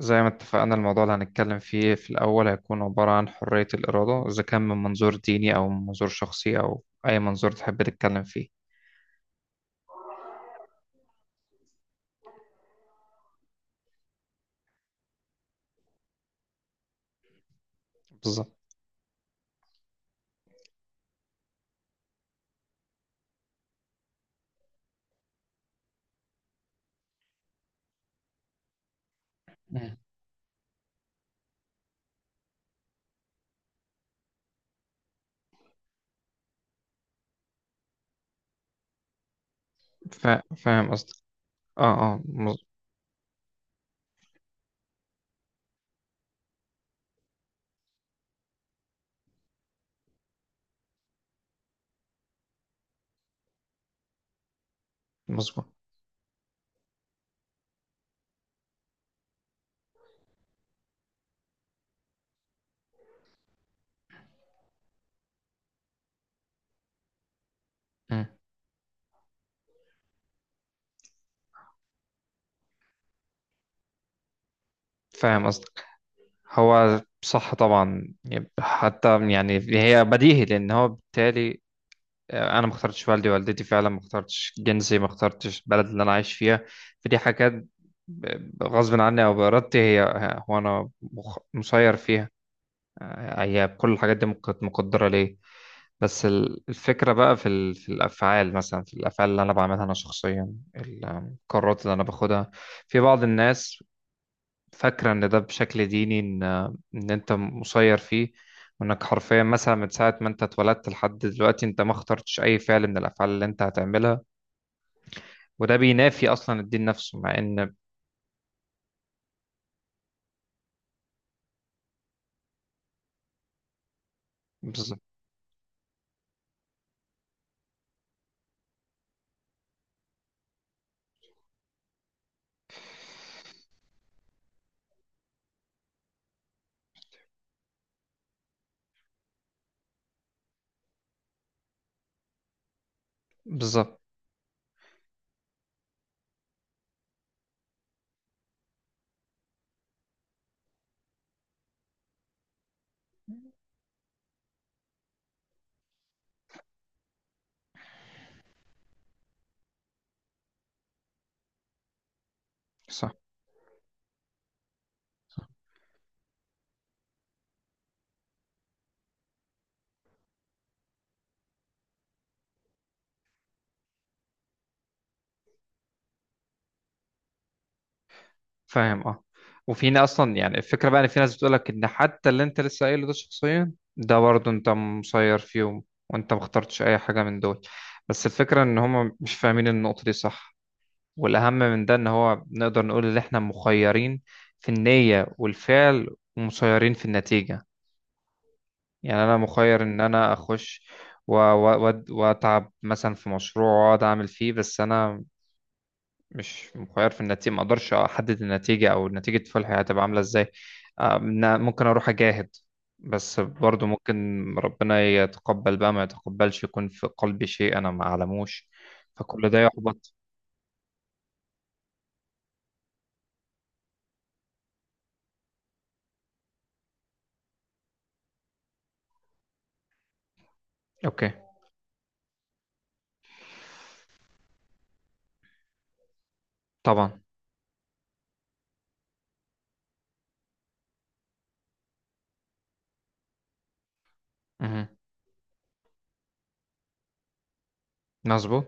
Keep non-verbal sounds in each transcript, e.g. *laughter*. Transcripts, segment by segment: زي ما اتفقنا، الموضوع اللي هنتكلم فيه في الأول هيكون عبارة عن حرية الإرادة، إذا كان من منظور ديني أو من منظور شخصي أو أي منظور تحب تتكلم فيه. بالظبط. مم. فاهم قصدك. اه. اه مظبوط. مم. فاهم قصدك. هو صح طبعا، حتى يعني هي بديهي، لأن هو بالتالي آه، أنا ما اخترتش والدي والدتي، فعلا ما اخترتش جنسي، ما اخترتش البلد اللي أنا عايش فيها. فدي حاجات غصب عني أو بإرادتي، هو أنا مسير فيها. آه، هي كل الحاجات دي كانت مقدرة ليه. بس الفكرة بقى في في الأفعال، مثلا في الأفعال اللي أنا بعملها أنا شخصيا، القرارات اللي أنا باخدها. في بعض الناس فاكرة إن ده بشكل ديني، إن أنت مسير فيه، وإنك حرفيا مثلا من ساعة ما أنت اتولدت لحد دلوقتي، أنت ما اخترتش أي فعل من الأفعال اللي أنت هتعملها، وده بينافي أصلا الدين نفسه، مع إن. بالظبط. بالظبط. صح. فاهم. اه. وفي ناس اصلا، يعني الفكره بقى ان في ناس بتقولك ان حتى اللي انت لسه قايله ده شخصيا ده برضه انت مسير فيهم، وانت ما اخترتش اي حاجه من دول. بس الفكره ان هم مش فاهمين النقطه دي. صح. والاهم من ده ان هو نقدر نقول ان احنا مخيرين في النيه والفعل، ومسيرين في النتيجه. يعني انا مخير ان انا اخش واتعب مثلا في مشروع واقعد اعمل فيه، بس انا مش مخير في النتيجة، ما اقدرش احدد النتيجة، او نتيجة فلحي هتبقى عاملة ازاي. آه، إن ممكن اروح اجاهد، بس برضو ممكن ربنا يتقبل بقى، ما يتقبلش، يكون في قلبي شيء انا ما اعلموش. فكل ده يحبط. اوكي. طبعا. مهم. مظبوط.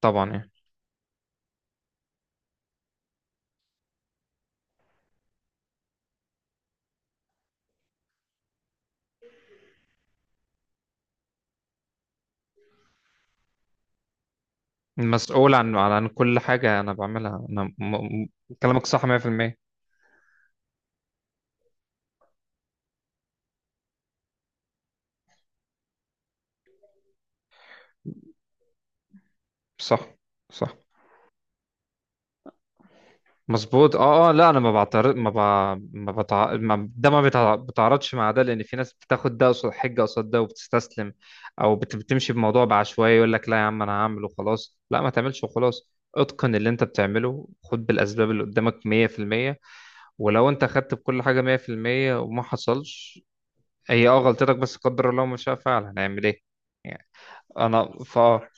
طبعا يعني مسؤول عن عن كل حاجة انا بعملها، م- كلامك صح 100%. صح. صح. مظبوط. اه. اه. لا انا ما بعترض ما ب... ما, بتع... ما ده ما بتع... بتعرضش مع ده، لان في ناس بتاخد ده قصاد حجه قصاد ده وبتستسلم، او بتمشي بموضوع بعشوائيه، يقول لك لا يا عم انا هعمل وخلاص، لا ما تعملش وخلاص، اتقن اللي انت بتعمله، خد بالاسباب اللي قدامك 100%. ولو انت خدت بكل حاجه 100% وما حصلش، هي اه غلطتك، بس قدر الله ما شاء فعل، هنعمل ايه؟ يعني انا فا.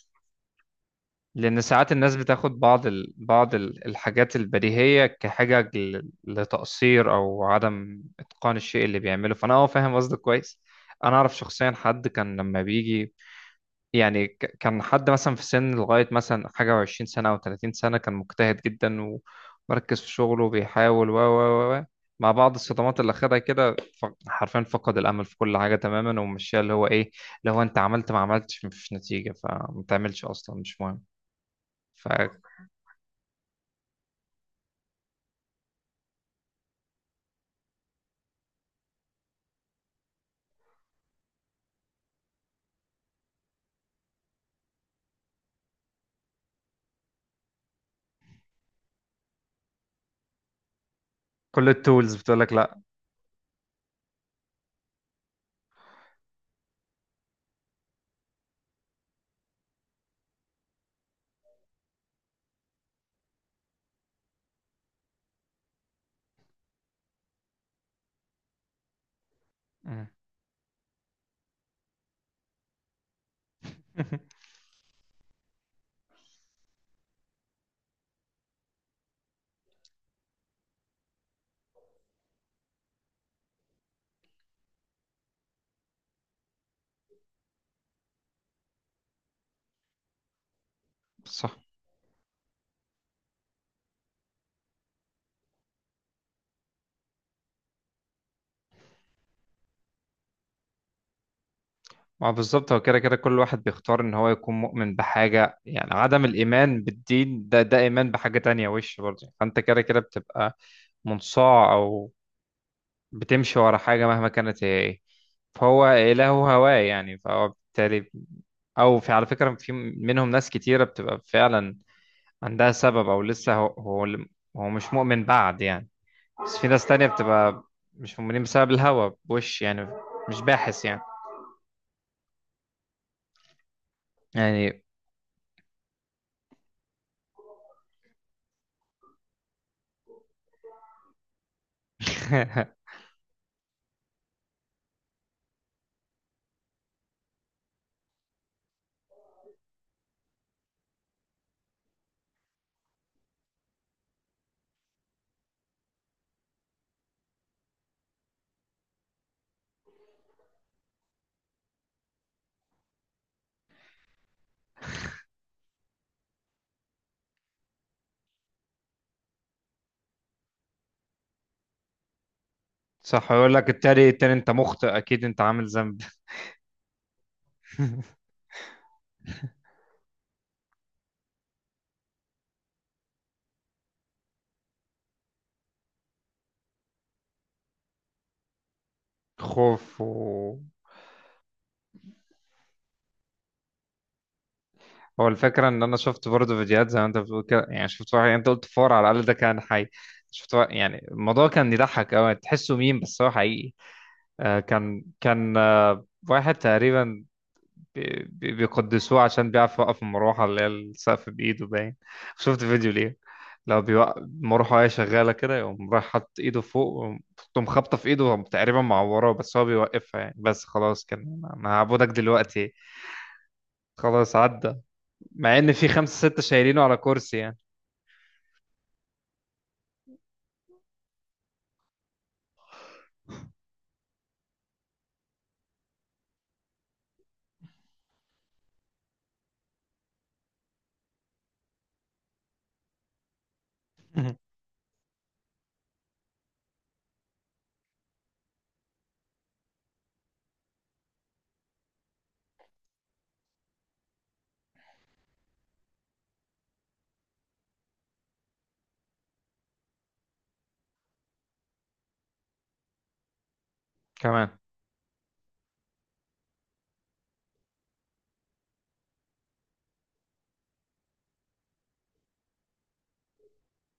لأن ساعات الناس بتاخد بعض الحاجات البديهية كحاجة لتقصير أو عدم إتقان الشيء اللي بيعمله. فأنا أه فاهم قصدك كويس. أنا أعرف شخصيا حد كان لما بيجي يعني كان حد مثلا في سن لغاية مثلا حاجة وعشرين سنة أو تلاتين سنة كان مجتهد جدا، ومركز في شغله، وبيحاول و و و و. مع بعض الصدمات اللي أخدها كده، حرفيا فقد الأمل في كل حاجة تماما، ومشيها اللي هو إيه، اللي هو أنت عملت ما عملتش مفيش نتيجة فما تعملش أصلا مش مهم. ف كل التولز بتقول لك لا. مم. *laughs* صح. ما بالظبط، هو كده كده كل واحد بيختار ان هو يكون مؤمن بحاجة، يعني عدم الإيمان بالدين ده، ده إيمان بحاجة تانية وش برضه، فأنت كده كده بتبقى منصاع، أو بتمشي ورا حاجة مهما كانت هي إيه. فهو إله هواه يعني، فهو بالتالي. أو في على فكرة في منهم ناس كتيرة بتبقى فعلا عندها سبب، أو لسه هو هو مش مؤمن بعد يعني. بس في ناس تانية بتبقى مش مؤمنين بسبب الهوى بوش يعني، مش باحث يعني. يعني. *laughs* صح. يقول لك التاني التاني انت مخطئ اكيد، انت عامل ذنب. *laughs* خوف و. هو الفكرة ان انا شفت برضه فيديوهات زي ما انت بتقول كده، يعني شفت واحد، يعني انت قلت فار على الاقل ده كان حي. شفت واحد، يعني الموضوع كان يضحك قوي، تحسه ميم بس هو حقيقي. آه كان آه واحد تقريبا بيقدسوه عشان بيعرف يوقف المروحة اللي هي السقف بإيده باين. شفت فيديو ليه، لو بيوقف المروحة وهي شغالة كده، يقوم رايح حاطط إيده فوق، تقوم خابطة في إيده تقريبا معوراه، بس هو بيوقفها يعني، بس خلاص كان أنا هعبدك دلوقتي. خلاص عدى. مع إن في خمسة ستة شايلينه على كرسي يعني. مهم. كمان.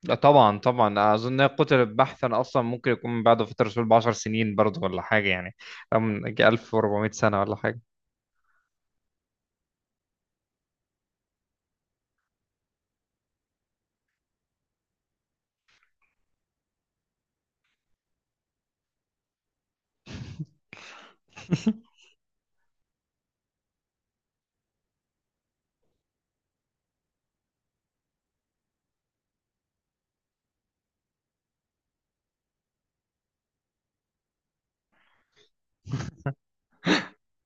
لا طبعا. طبعا اظن إن هي قتل بحثا اصلا، ممكن يكون من بعد فتره الرسول ب 10 سنين برضه، ولا حاجه يعني يجي 1400 سنه ولا حاجه. *laughs*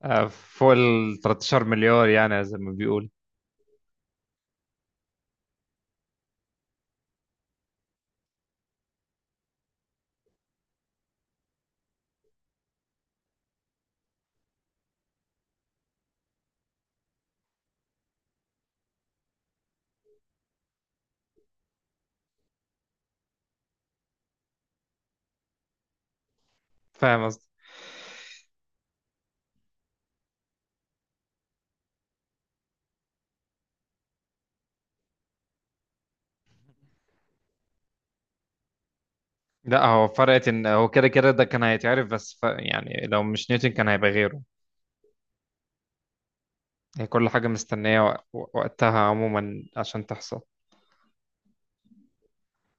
آه، فوق ال 13 مليار، يعني زي ما بيقول. فاهم قصدي. لا هو فرقت ان هو كده كده ده كان هيتعرف، بس يعني لو مش نيوتن كان هيبقى غيره. هي كل حاجة مستنية، وقتها عموما عشان تحصل.